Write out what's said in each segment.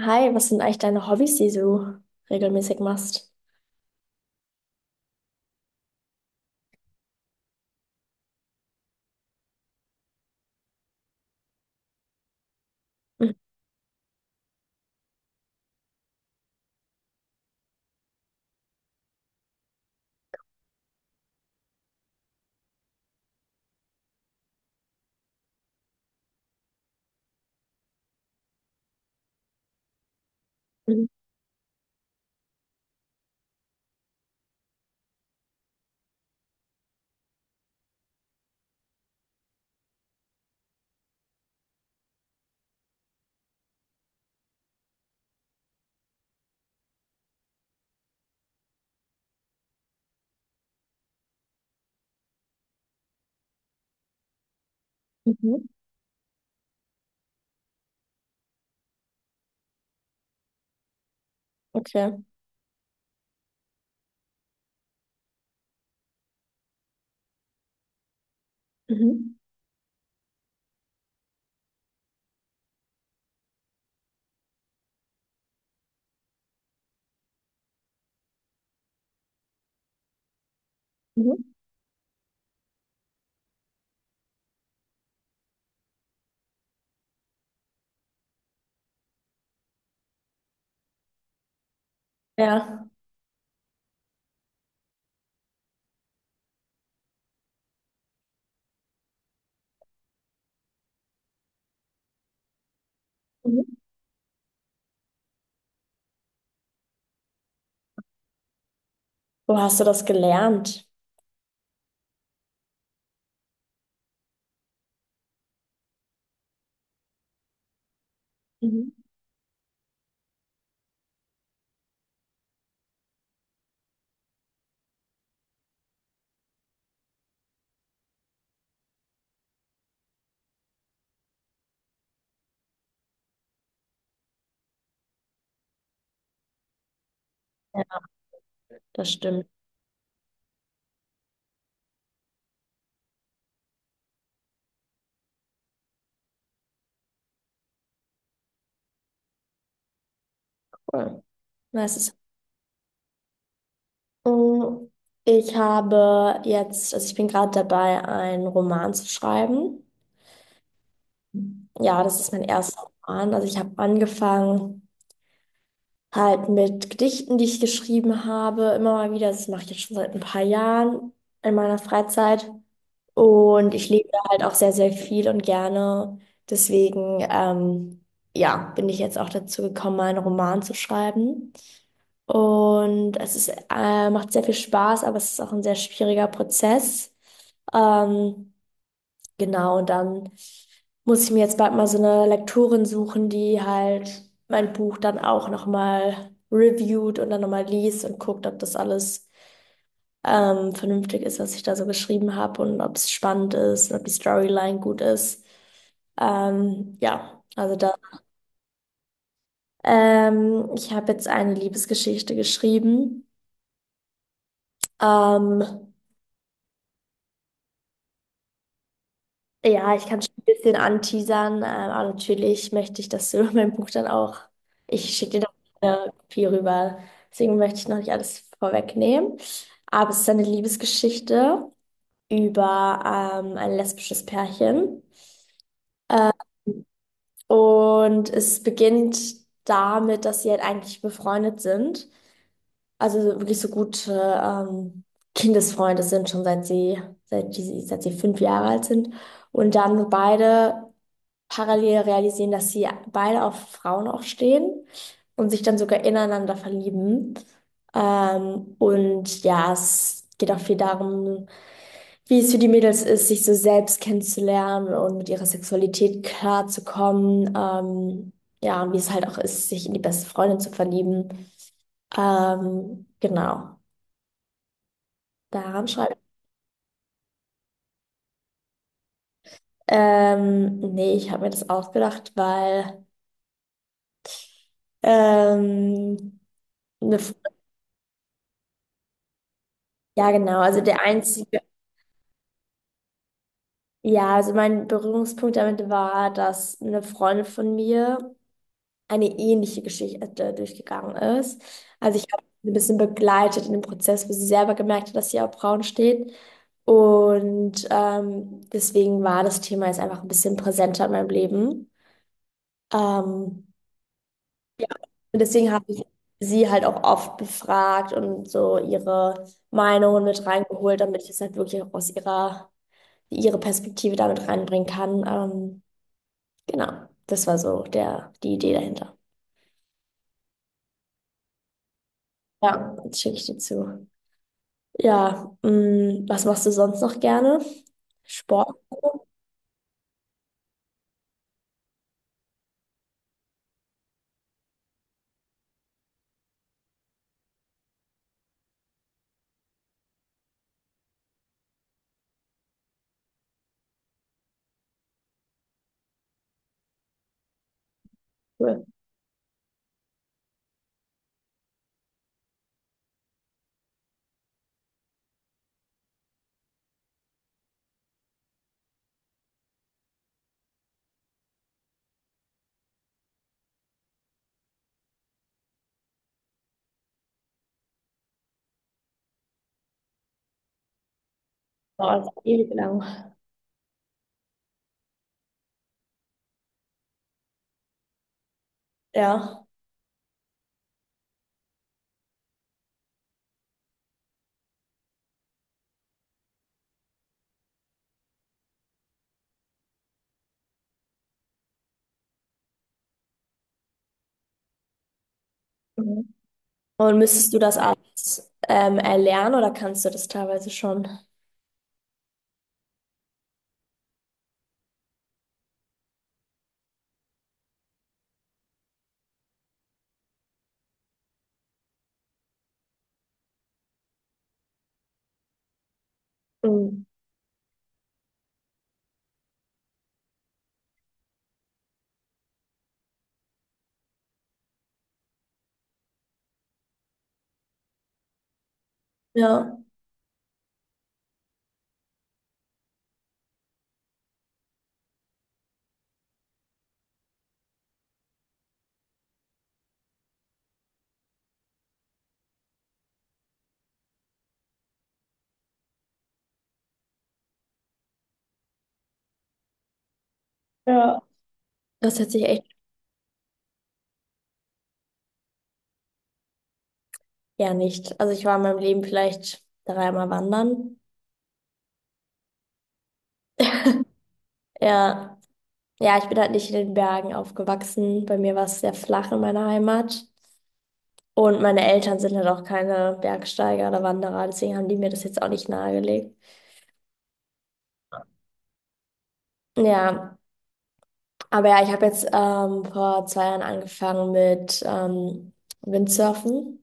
Hi, was sind eigentlich deine Hobbys, die du regelmäßig machst? Mhm. Mhm. Okay. Mhm. Mhm. Ja. Mhm. Wo hast du das gelernt? Mhm. Ja, das stimmt. Cool. Nice. Mm, Ich habe jetzt, also ich bin gerade dabei, einen Roman zu schreiben. Ja, das ist mein erster Roman. Also ich habe angefangen. Halt mit Gedichten, die ich geschrieben habe, immer mal wieder. Das mache ich jetzt schon seit ein paar Jahren in meiner Freizeit. Und ich lese halt auch sehr, sehr viel und gerne. Deswegen, ja, bin ich jetzt auch dazu gekommen, meinen Roman zu schreiben. Und es ist, macht sehr viel Spaß, aber es ist auch ein sehr schwieriger Prozess. Ähm, Genau, und dann muss ich mir jetzt bald mal so eine Lektorin suchen, die halt mein Buch dann auch nochmal reviewt und dann nochmal liest und guckt, ob das alles vernünftig ist, was ich da so geschrieben habe und ob es spannend ist und ob die Storyline gut ist. Ja, also da. Ich habe jetzt eine Liebesgeschichte geschrieben. Ähm, Ja, ich kann schon ein bisschen anteasern, aber natürlich möchte ich, dass du mein Buch dann auch, ich schicke dir dann eine Kopie rüber. Deswegen möchte ich noch nicht alles vorwegnehmen. Aber es ist eine Liebesgeschichte über ein lesbisches Pärchen. Und es beginnt damit, dass sie halt eigentlich befreundet sind. Also wirklich so gute ähm, Kindesfreunde sind, schon seit sie, seit, die, seit sie 5 Jahre alt sind. Und dann beide parallel realisieren, dass sie beide auf Frauen auch stehen und sich dann sogar ineinander verlieben. Und ja, es geht auch viel darum, wie es für die Mädels ist, sich so selbst kennenzulernen und mit ihrer Sexualität klarzukommen. Ja, und wie es halt auch ist, sich in die beste Freundin zu verlieben. Genau, daran schreibe ich. Nee, ich habe mir das ausgedacht, weil ähm, eine Fre- ja, genau. Ja, also mein Berührungspunkt damit war, dass eine Freundin von mir eine ähnliche Geschichte durchgegangen ist. Also ich habe sie ein bisschen begleitet in dem Prozess, wo sie selber gemerkt hat, dass sie auf Frauen steht. Und deswegen war das Thema jetzt einfach ein bisschen präsenter in meinem Leben. Ähm, ja, und deswegen habe ich sie halt auch oft befragt und so ihre Meinungen mit reingeholt, damit ich es halt wirklich auch aus ihre Perspektive damit reinbringen kann. Genau, das war die Idee dahinter. Ja. Jetzt schicke ich dir zu. Ja, mh, was machst du sonst noch gerne? Sport? Cool. Boah, das ist ewig lang. Ja. Mhm. Und müsstest du das alles erlernen oder kannst du das teilweise schon? Mhm. Ja, Ja. Das hätte ich echt gern nicht. Also ich war in meinem Leben vielleicht dreimal wandern. Ja. Ja, ich bin halt nicht in den Bergen aufgewachsen. Bei mir war es sehr flach in meiner Heimat. Und meine Eltern sind halt auch keine Bergsteiger oder Wanderer, deswegen haben die mir das jetzt auch nicht nahegelegt. Ja, aber ja, ich habe jetzt vor 2 Jahren angefangen mit Windsurfen.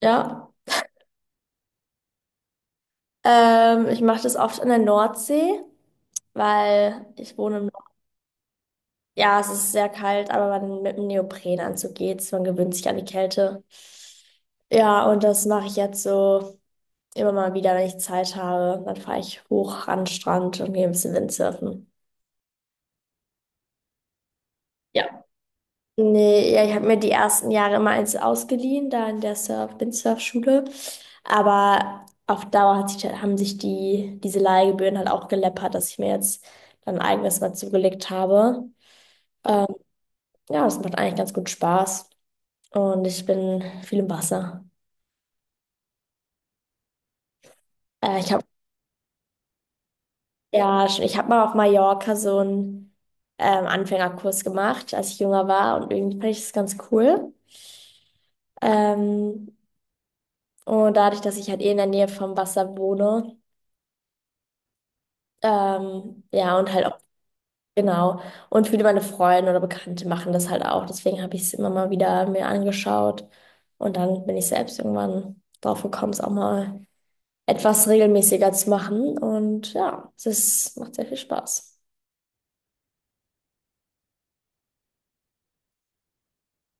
Ja, ich mache das oft in der Nordsee, weil ich wohne im Norden. Ja, es ist sehr kalt, aber man, mit einem Neoprenanzug geht's, man gewöhnt sich an die Kälte. Ja, und das mache ich jetzt so immer mal wieder, wenn ich Zeit habe. Dann fahre ich hoch an den Strand und gehe ein bisschen Windsurfen. Ja. Nee, ja, ich habe mir die ersten Jahre immer eins ausgeliehen, da in der Windsurf-Schule. Aber auf Dauer haben sich diese Leihgebühren halt auch geleppert, dass ich mir jetzt dann ein eigenes mal zugelegt habe. Ähm, ja, das macht eigentlich ganz gut Spaß. Und ich bin viel im Wasser. Ich habe ja, ich habe mal auf Mallorca so einen Anfängerkurs gemacht, als ich jünger war. Und irgendwie fand ich das ganz cool. Ähm, und dadurch, dass ich halt eh in der Nähe vom Wasser wohne, ja, und halt auch, genau. Und viele meine Freunde oder Bekannte machen das halt auch. Deswegen habe ich es immer mal wieder mir angeschaut. Und dann bin ich selbst irgendwann drauf gekommen, es auch mal etwas regelmäßiger zu machen. Und ja, es ist, macht sehr viel Spaß.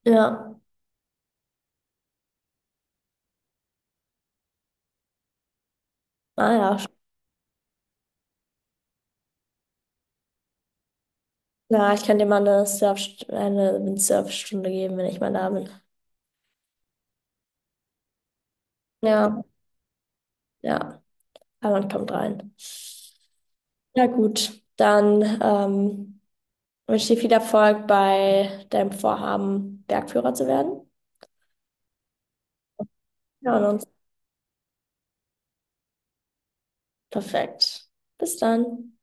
Ja, ah ja, ja, ich kann dir mal eine eine Windsurfstunde geben, wenn ich mal da bin. Ja, ja, aber man kommt rein. Ja, gut, dann ich wünsche dir viel Erfolg bei deinem Vorhaben, Bergführer zu werden. Ja. Und uns perfekt. Bis dann.